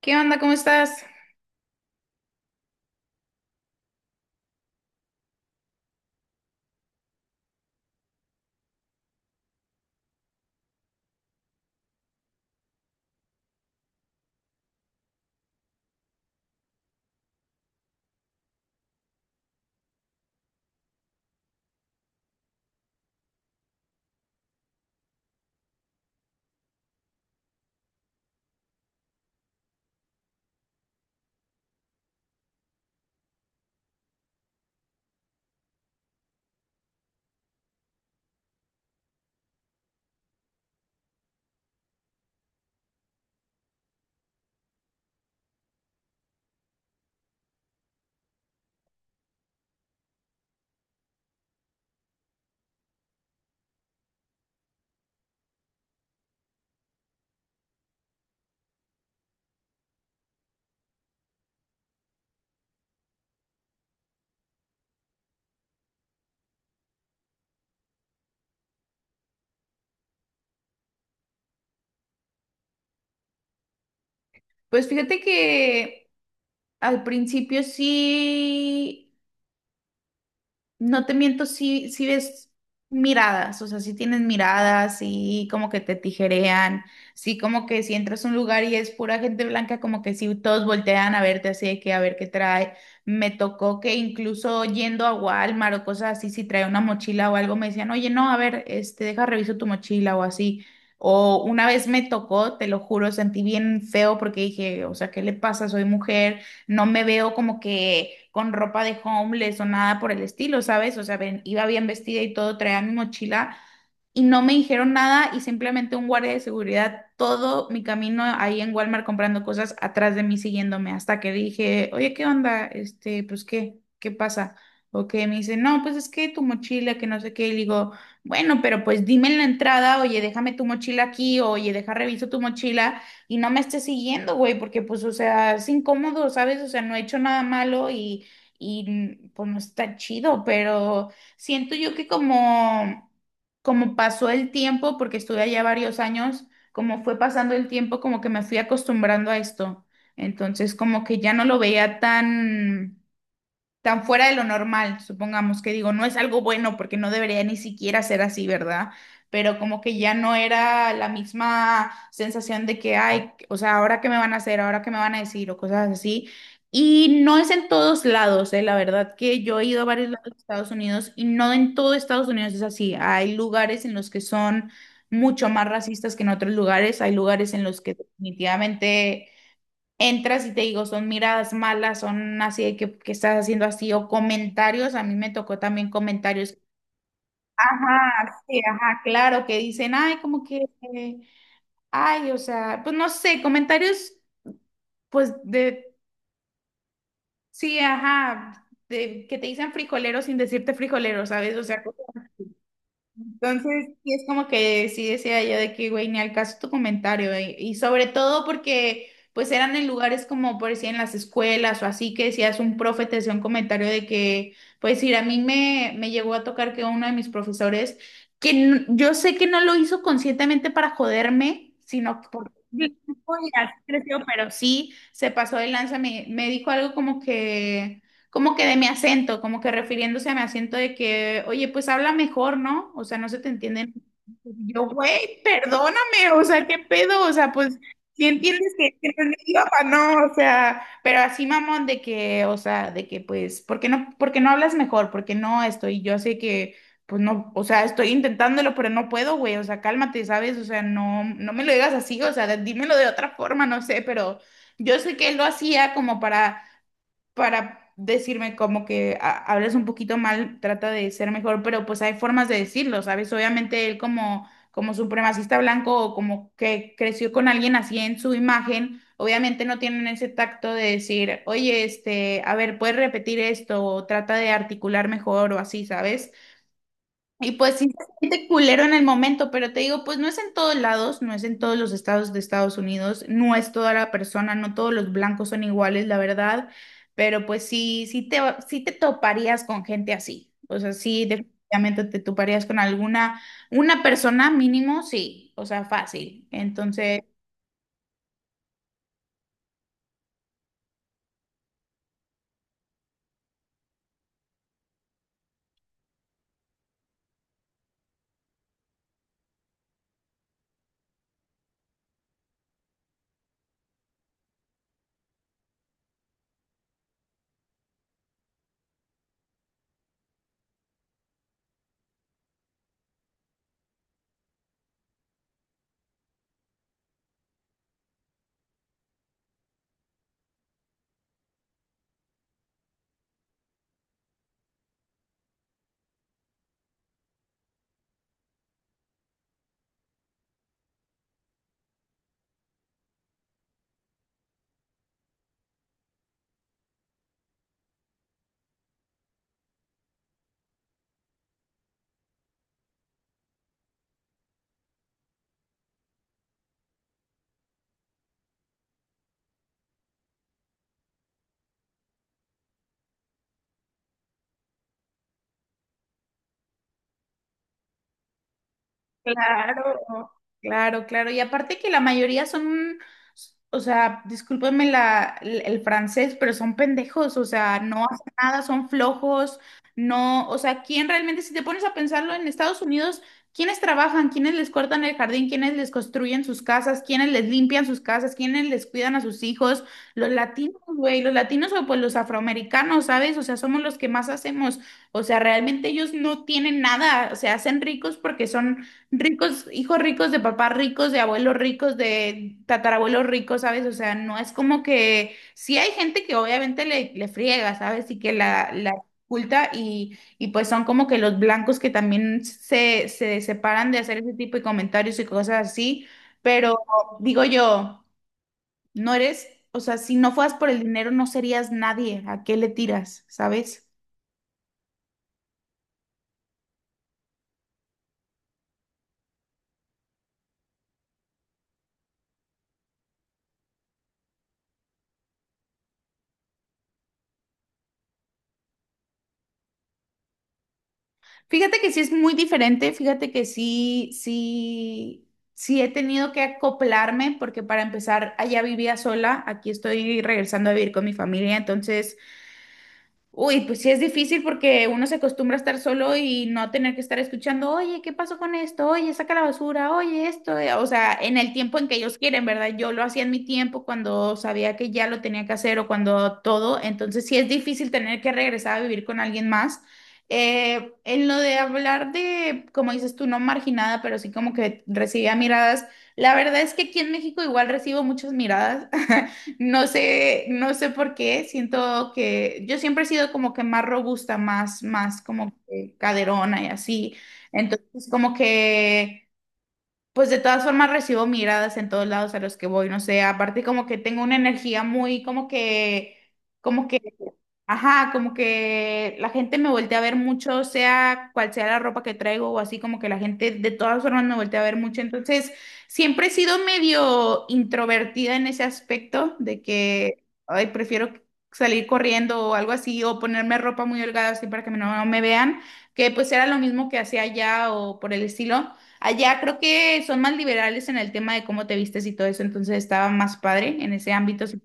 ¿Qué onda? ¿Cómo estás? Pues fíjate que al principio sí. No te miento, si ves miradas, o sea, si tienes miradas, y como que te tijerean, sí, como que si entras a un lugar y es pura gente blanca, como que si todos voltean a verte así de que a ver qué trae. Me tocó que incluso yendo a Walmart o cosas así, si trae una mochila o algo, me decían, oye, no, a ver, este, deja reviso tu mochila o así. O una vez me tocó, te lo juro, sentí bien feo porque dije, o sea, ¿qué le pasa? Soy mujer, no me veo como que con ropa de homeless o nada por el estilo, ¿sabes? O sea, iba bien vestida y todo, traía mi mochila y no me dijeron nada y simplemente un guardia de seguridad todo mi camino ahí en Walmart comprando cosas atrás de mí siguiéndome hasta que dije, oye, ¿qué onda? Este, pues, ¿qué? ¿Qué pasa? O que me dice, no, pues es que tu mochila, que no sé qué, y le digo, bueno, pero pues dime en la entrada, oye, déjame tu mochila aquí, oye, deja reviso tu mochila y no me estés siguiendo, güey, porque pues, o sea, es incómodo, ¿sabes? O sea, no he hecho nada malo y pues no está chido, pero siento yo que como, como pasó el tiempo, porque estuve allá varios años, como fue pasando el tiempo, como que me fui acostumbrando a esto. Entonces, como que ya no lo veía tan tan fuera de lo normal, supongamos que digo, no es algo bueno porque no debería ni siquiera ser así, ¿verdad? Pero como que ya no era la misma sensación de que, ay, o sea, ahora qué me van a hacer, ahora qué me van a decir o cosas así. Y no es en todos lados. La verdad que yo he ido a varios lados de Estados Unidos y no en todo Estados Unidos es así. Hay lugares en los que son mucho más racistas que en otros lugares, hay lugares en los que definitivamente entras y te digo, son miradas malas, son así de que estás haciendo así, o comentarios, a mí me tocó también comentarios, ajá, sí, ajá, claro, que dicen, ay, como que, eh, ay, o sea, pues no sé, comentarios, pues de, sí, ajá, de, que te dicen frijolero sin decirte frijolero, ¿sabes? O sea, entonces, sí es como que sí decía yo de que, güey, ni al caso tu comentario, güey. Y sobre todo porque, pues, eran en lugares como, por decir, en las escuelas o así, que decías un profe, te hacía un comentario de que, pues, ir a mí me llegó a tocar que uno de mis profesores, que yo sé que no lo hizo conscientemente para joderme, sino por... creció, pero sí se pasó de lanza, me dijo algo como que de mi acento, como que refiriéndose a mi acento de que, oye, pues habla mejor, ¿no? O sea, no se te entiende. Yo, güey, perdóname, o sea, ¿qué pedo? O sea, pues, si entiendes que no es mi idioma, ¿no? O sea, pero así, mamón, de que, o sea, de que, pues, por qué no hablas mejor? ¿Por qué no estoy? Yo sé que, pues, no, o sea, estoy intentándolo, pero no puedo, güey, o sea, cálmate, ¿sabes? O sea, no, no me lo digas así, o sea, dímelo de otra forma, no sé, pero yo sé que él lo hacía como para decirme como que hablas un poquito mal, trata de ser mejor, pero pues hay formas de decirlo, ¿sabes? Obviamente él como, como supremacista blanco o como que creció con alguien así en su imagen, obviamente no tienen ese tacto de decir, oye, este, a ver, puedes repetir esto o trata de articular mejor o así, ¿sabes? Y pues sí se siente culero en el momento, pero te digo, pues no es en todos lados, no es en todos los estados de Estados Unidos, no es toda la persona, no todos los blancos son iguales, la verdad, pero pues sí, sí te toparías con gente así, o sea, sí definitivamente te toparías con alguna, una persona mínimo, sí, o sea, fácil. Entonces, claro, claro, claro. Y aparte que la mayoría son, o sea, discúlpenme el francés, pero son pendejos, o sea, no hacen nada, son flojos, no, o sea, ¿quién realmente, si te pones a pensarlo en Estados Unidos, quiénes trabajan, quiénes les cortan el jardín, quiénes les construyen sus casas, quiénes les limpian sus casas, quiénes les cuidan a sus hijos? Los latinos, güey, los latinos o pues los afroamericanos, ¿sabes? O sea, somos los que más hacemos, o sea, realmente ellos no tienen nada, se hacen ricos porque son ricos, hijos ricos de papás ricos, de abuelos ricos, de tatarabuelos ricos, ¿sabes? O sea, no es como que sí hay gente que obviamente le friega, ¿sabes? Y que la oculta y pues son como que los blancos que también se separan de hacer ese tipo de comentarios y cosas así, pero digo yo, no eres, o sea, si no fueras por el dinero no serías nadie, ¿a qué le tiras, ¿sabes? Fíjate que sí es muy diferente, fíjate que sí, sí, sí he tenido que acoplarme porque para empezar allá vivía sola, aquí estoy regresando a vivir con mi familia, entonces uy, pues sí es difícil porque uno se acostumbra a estar solo y no tener que estar escuchando, oye, ¿qué pasó con esto? Oye, saca la basura, oye, esto. O sea, en el tiempo en que ellos quieren, ¿verdad? Yo lo hacía en mi tiempo cuando sabía que ya lo tenía que hacer o cuando todo. Entonces sí es difícil tener que regresar a vivir con alguien más. En lo de hablar de, como dices tú, no marginada, pero sí como que recibía miradas. La verdad es que aquí en México igual recibo muchas miradas. No sé, no sé por qué, siento que yo siempre he sido como que más robusta, más, más como que caderona y así. Entonces, como que pues de todas formas recibo miradas en todos lados a los que voy, no sé, aparte como que tengo una energía muy como que, ajá, como que la gente me voltea a ver mucho, sea cual sea la ropa que traigo o así, como que la gente de todas formas me voltea a ver mucho, entonces siempre he sido medio introvertida en ese aspecto de que, ay, prefiero salir corriendo o algo así, o ponerme ropa muy holgada así para que no me vean, que pues era lo mismo que hacía allá o por el estilo. Allá creo que son más liberales en el tema de cómo te vistes y todo eso, entonces estaba más padre en ese ámbito. Sí.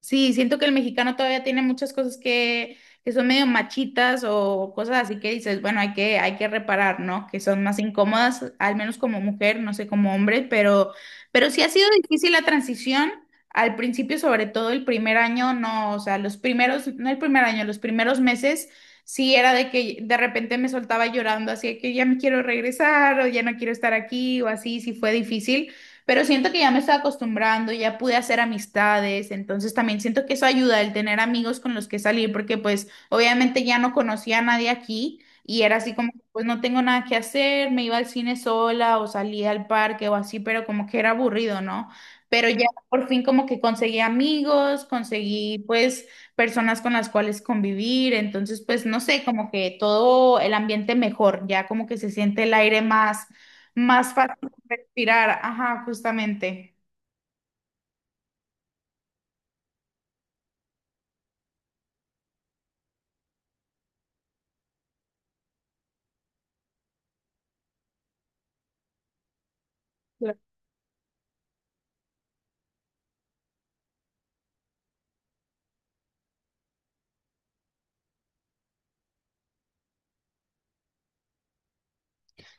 Sí, siento que el mexicano todavía tiene muchas cosas que son medio machitas o cosas así que dices, bueno, hay que reparar, ¿no? Que son más incómodas, al menos como mujer, no sé, como hombre, pero sí ha sido difícil la transición. Al principio, sobre todo el primer año, no, o sea, los primeros, no el primer año, los primeros meses, sí era de que de repente me soltaba llorando, así de que ya me quiero regresar o ya no quiero estar aquí o así, sí fue difícil. Pero siento que ya me estaba acostumbrando, ya pude hacer amistades, entonces también siento que eso ayuda el tener amigos con los que salir, porque pues obviamente ya no conocía a nadie aquí y era así como, pues no tengo nada que hacer, me iba al cine sola o salía al parque o así, pero como que era aburrido, ¿no? Pero ya por fin como que conseguí amigos, conseguí pues personas con las cuales convivir, entonces pues no sé, como que todo el ambiente mejor, ya como que se siente el aire más más fácil respirar, ajá, justamente.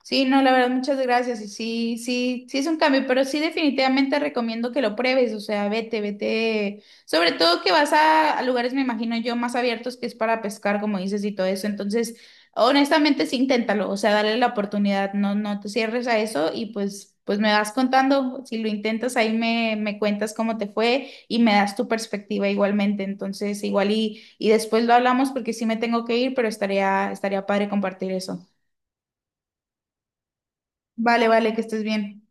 Sí, no, la verdad, muchas gracias. Y sí, sí, sí es un cambio, pero sí definitivamente recomiendo que lo pruebes. O sea, vete, vete. Sobre todo que vas a lugares, me imagino yo, más abiertos que es para pescar, como dices, y todo eso. Entonces, honestamente, sí, inténtalo. O sea, dale la oportunidad. No, no te cierres a eso y pues, pues me vas contando. Si lo intentas, ahí me cuentas cómo te fue y me das tu perspectiva igualmente. Entonces, igual y después lo hablamos porque sí me tengo que ir, pero estaría, estaría padre compartir eso. Vale, vale, que estés bien.